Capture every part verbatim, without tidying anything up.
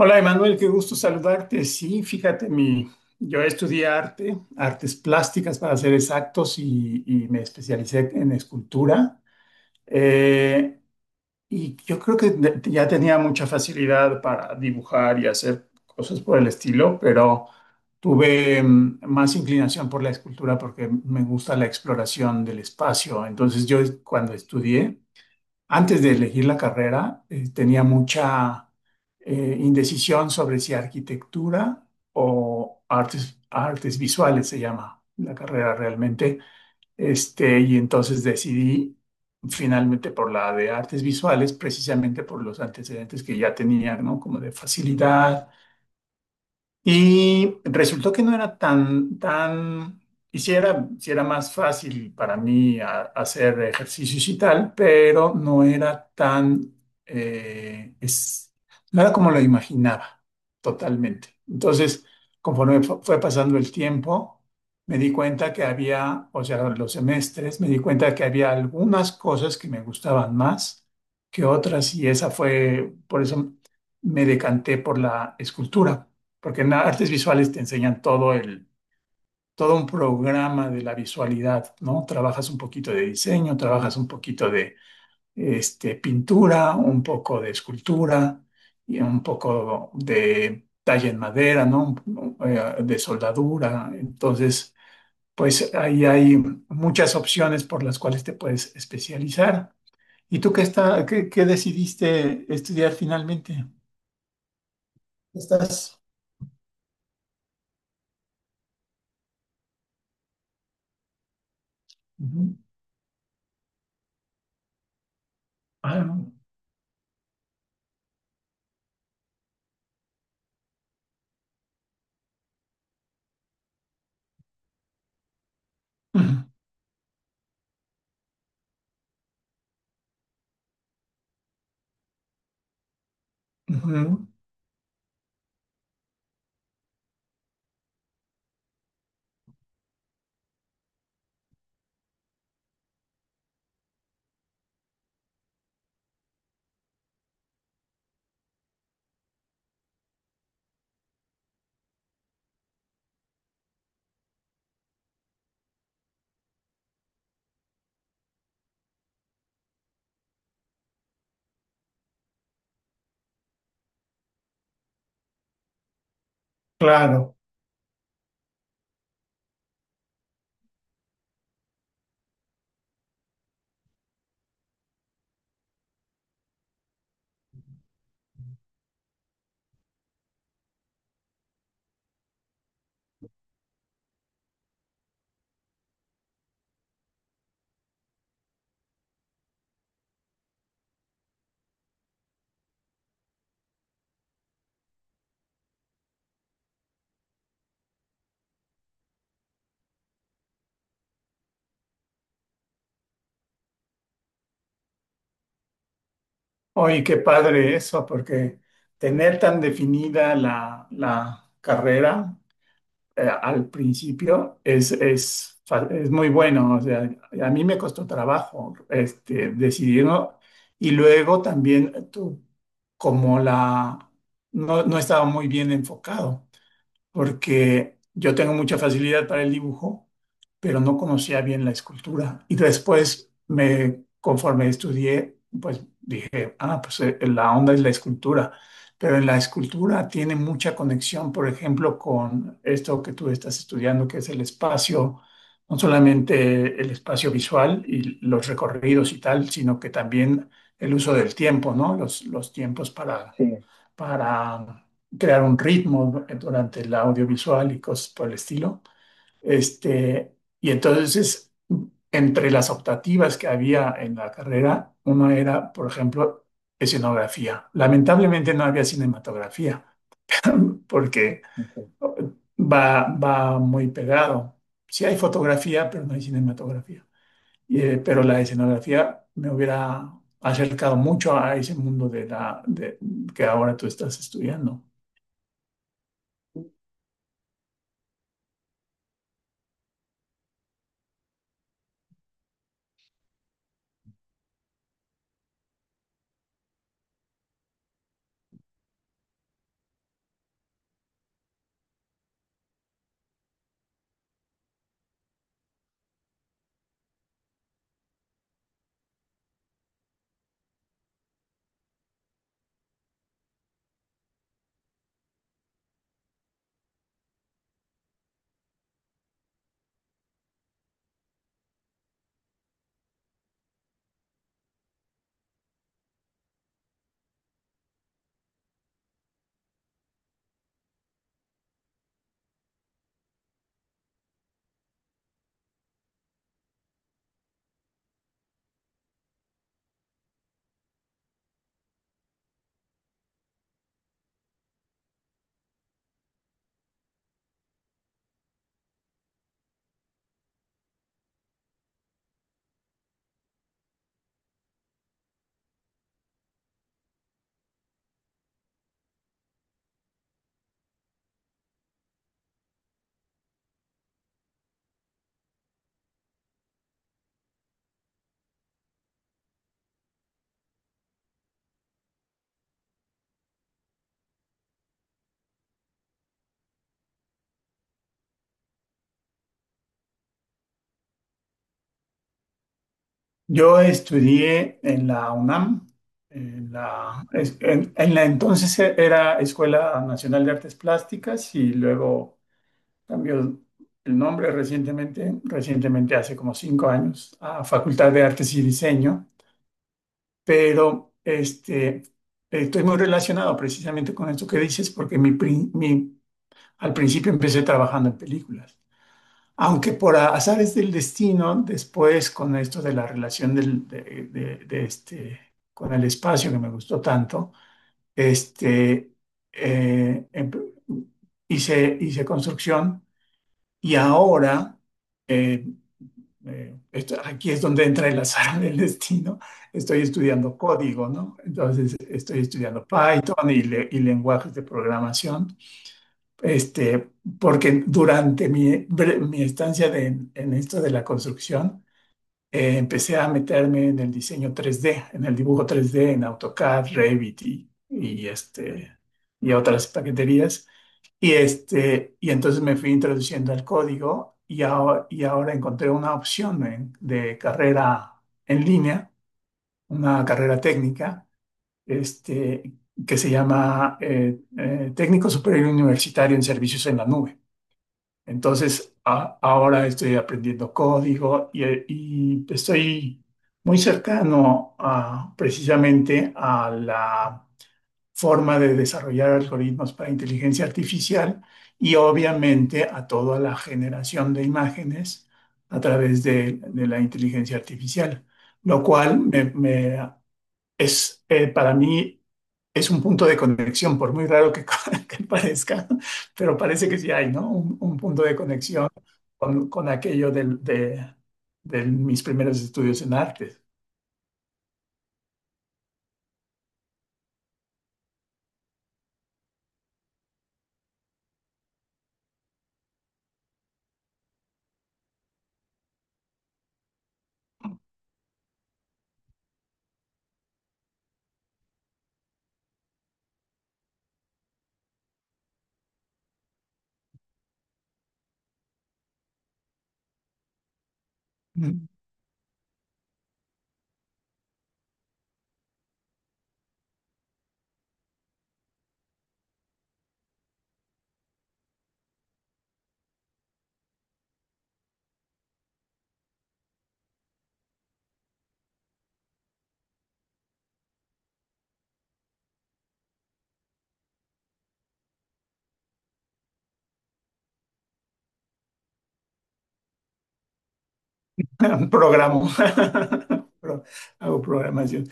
Hola, Emanuel, qué gusto saludarte. Sí, fíjate, mi, yo estudié arte, artes plásticas para ser exactos, y, y me especialicé en escultura. Eh, y yo creo que de- ya tenía mucha facilidad para dibujar y hacer cosas por el estilo, pero tuve mm, más inclinación por la escultura porque me gusta la exploración del espacio. Entonces yo cuando estudié antes de elegir la carrera, eh, tenía mucha eh, indecisión sobre si arquitectura o artes, artes visuales se llama la carrera realmente. Este, y entonces decidí finalmente por la de artes visuales, precisamente por los antecedentes que ya tenía, ¿no? Como de facilidad y resultó que no era tan, tan, y sí era, sí era más fácil para mí a- hacer ejercicios y tal, pero no era tan, eh, es, no era como lo imaginaba totalmente. Entonces, conforme fu- fue pasando el tiempo, me di cuenta que había, o sea, los semestres, me di cuenta que había algunas cosas que me gustaban más que otras, y esa fue, por eso me decanté por la escultura porque en artes visuales te enseñan todo el, todo un programa de la visualidad, ¿no? Trabajas un poquito de diseño, trabajas un poquito de este, pintura, un poco de escultura y un poco de talla en madera, ¿no? Eh, De soldadura. Entonces, pues ahí hay muchas opciones por las cuales te puedes especializar. ¿Y tú qué está, qué, qué decidiste estudiar finalmente? Estás. Ujú. Ah, no. Ujú. Claro, oye, qué padre eso, porque tener tan definida la, la carrera eh, al principio es, es, fa- es muy bueno. O sea, a mí me costó trabajo este, decidirlo y luego también eh, tú, como la, no, no estaba muy bien enfocado. Porque yo tengo mucha facilidad para el dibujo, pero no conocía bien la escultura. Y después, me, conforme estudié, pues dije, ah, pues eh, la onda es la escultura. Pero en la escultura tiene mucha conexión, por ejemplo, con esto que tú estás estudiando, que es el espacio, no solamente el espacio visual y los recorridos y tal, sino que también el uso del tiempo, ¿no? Los, los tiempos para, sí, para crear un ritmo durante el audiovisual y cosas por el estilo. Este, y entonces, entre las optativas que había en la carrera, una era, por ejemplo, escenografía. Lamentablemente no había cinematografía, porque Ok. Va, va muy pegado. Sí hay fotografía, pero no hay cinematografía. Y, eh, pero la escenografía me hubiera acercado mucho a ese mundo de la, de, que ahora tú estás estudiando. Yo estudié en la UNAM, en la, es- en, en la entonces era Escuela Nacional de Artes Plásticas y luego cambió el nombre recientemente, recientemente hace como cinco años, a Facultad de Artes y Diseño, pero este, estoy muy relacionado precisamente con esto que dices porque mi, pri- mi, al principio empecé trabajando en películas. Aunque por azares del destino, después con esto de la relación del- de, de- de este, con el espacio que me gustó tanto, este, eh, em- hice, hice construcción y ahora, eh, eh, esto- aquí es donde entra el azar del destino, estoy estudiando código, ¿no? Entonces estoy estudiando Python y le- y lenguajes de programación este, porque durante mi, bre- mi estancia de- en esto de la construcción, eh, empecé a meterme en el diseño tres d en el dibujo tres d en AutoCAD, Revit y, y, este, y otras paqueterías. Y, este, y entonces me fui introduciendo al código y, aho- y ahora encontré una opción en- de carrera en línea, una carrera técnica, este, que se llama eh, eh, Técnico Superior Universitario en Servicios en la Nube. Entonces, a- ahora estoy aprendiendo código y, y estoy muy cercano a, precisamente a la forma de desarrollar algoritmos para inteligencia artificial y obviamente a toda la generación de imágenes a través de, de la inteligencia artificial, lo cual me- me- es eh, para mí es un punto de conexión, por muy raro que, que parezca, pero parece que sí hay, ¿no? Un, un punto de conexión con, con aquello del- de, de mis primeros estudios en arte. Programo, Pro- hago programación.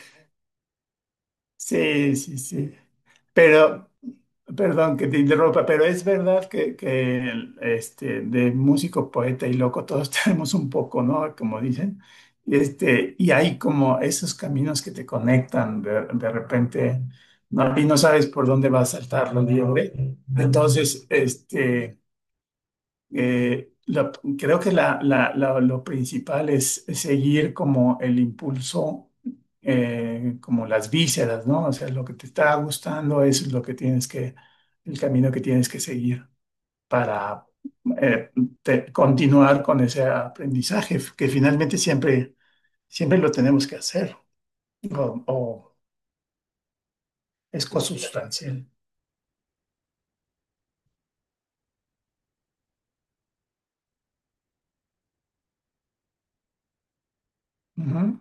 Sí, sí, sí. Pero, perdón que te interrumpa, pero es verdad que, que el, este, de músico, poeta y loco todos tenemos un poco, ¿no? Como dicen. Este, y hay como esos caminos que te conectan de, de repente, ¿no? Y no sabes por dónde va a saltar la liebre. Entonces, este... Eh, la- creo que la- la- la- lo principal es seguir como el impulso, eh, como las vísceras, ¿no? O sea, lo que te está gustando es lo que tienes que, el camino que tienes que seguir para eh, te- continuar con ese aprendizaje, que finalmente siempre, siempre lo tenemos que hacer, o, o es consustancial. Ujú,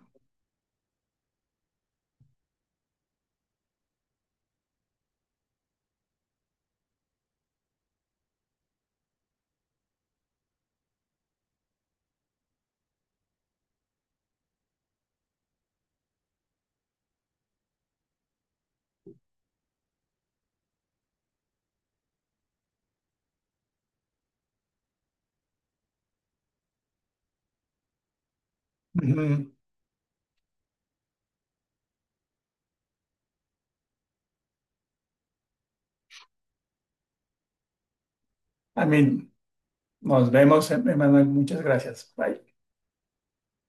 ujú. A mí, nos vemos, Emanuel, muchas gracias. Bye.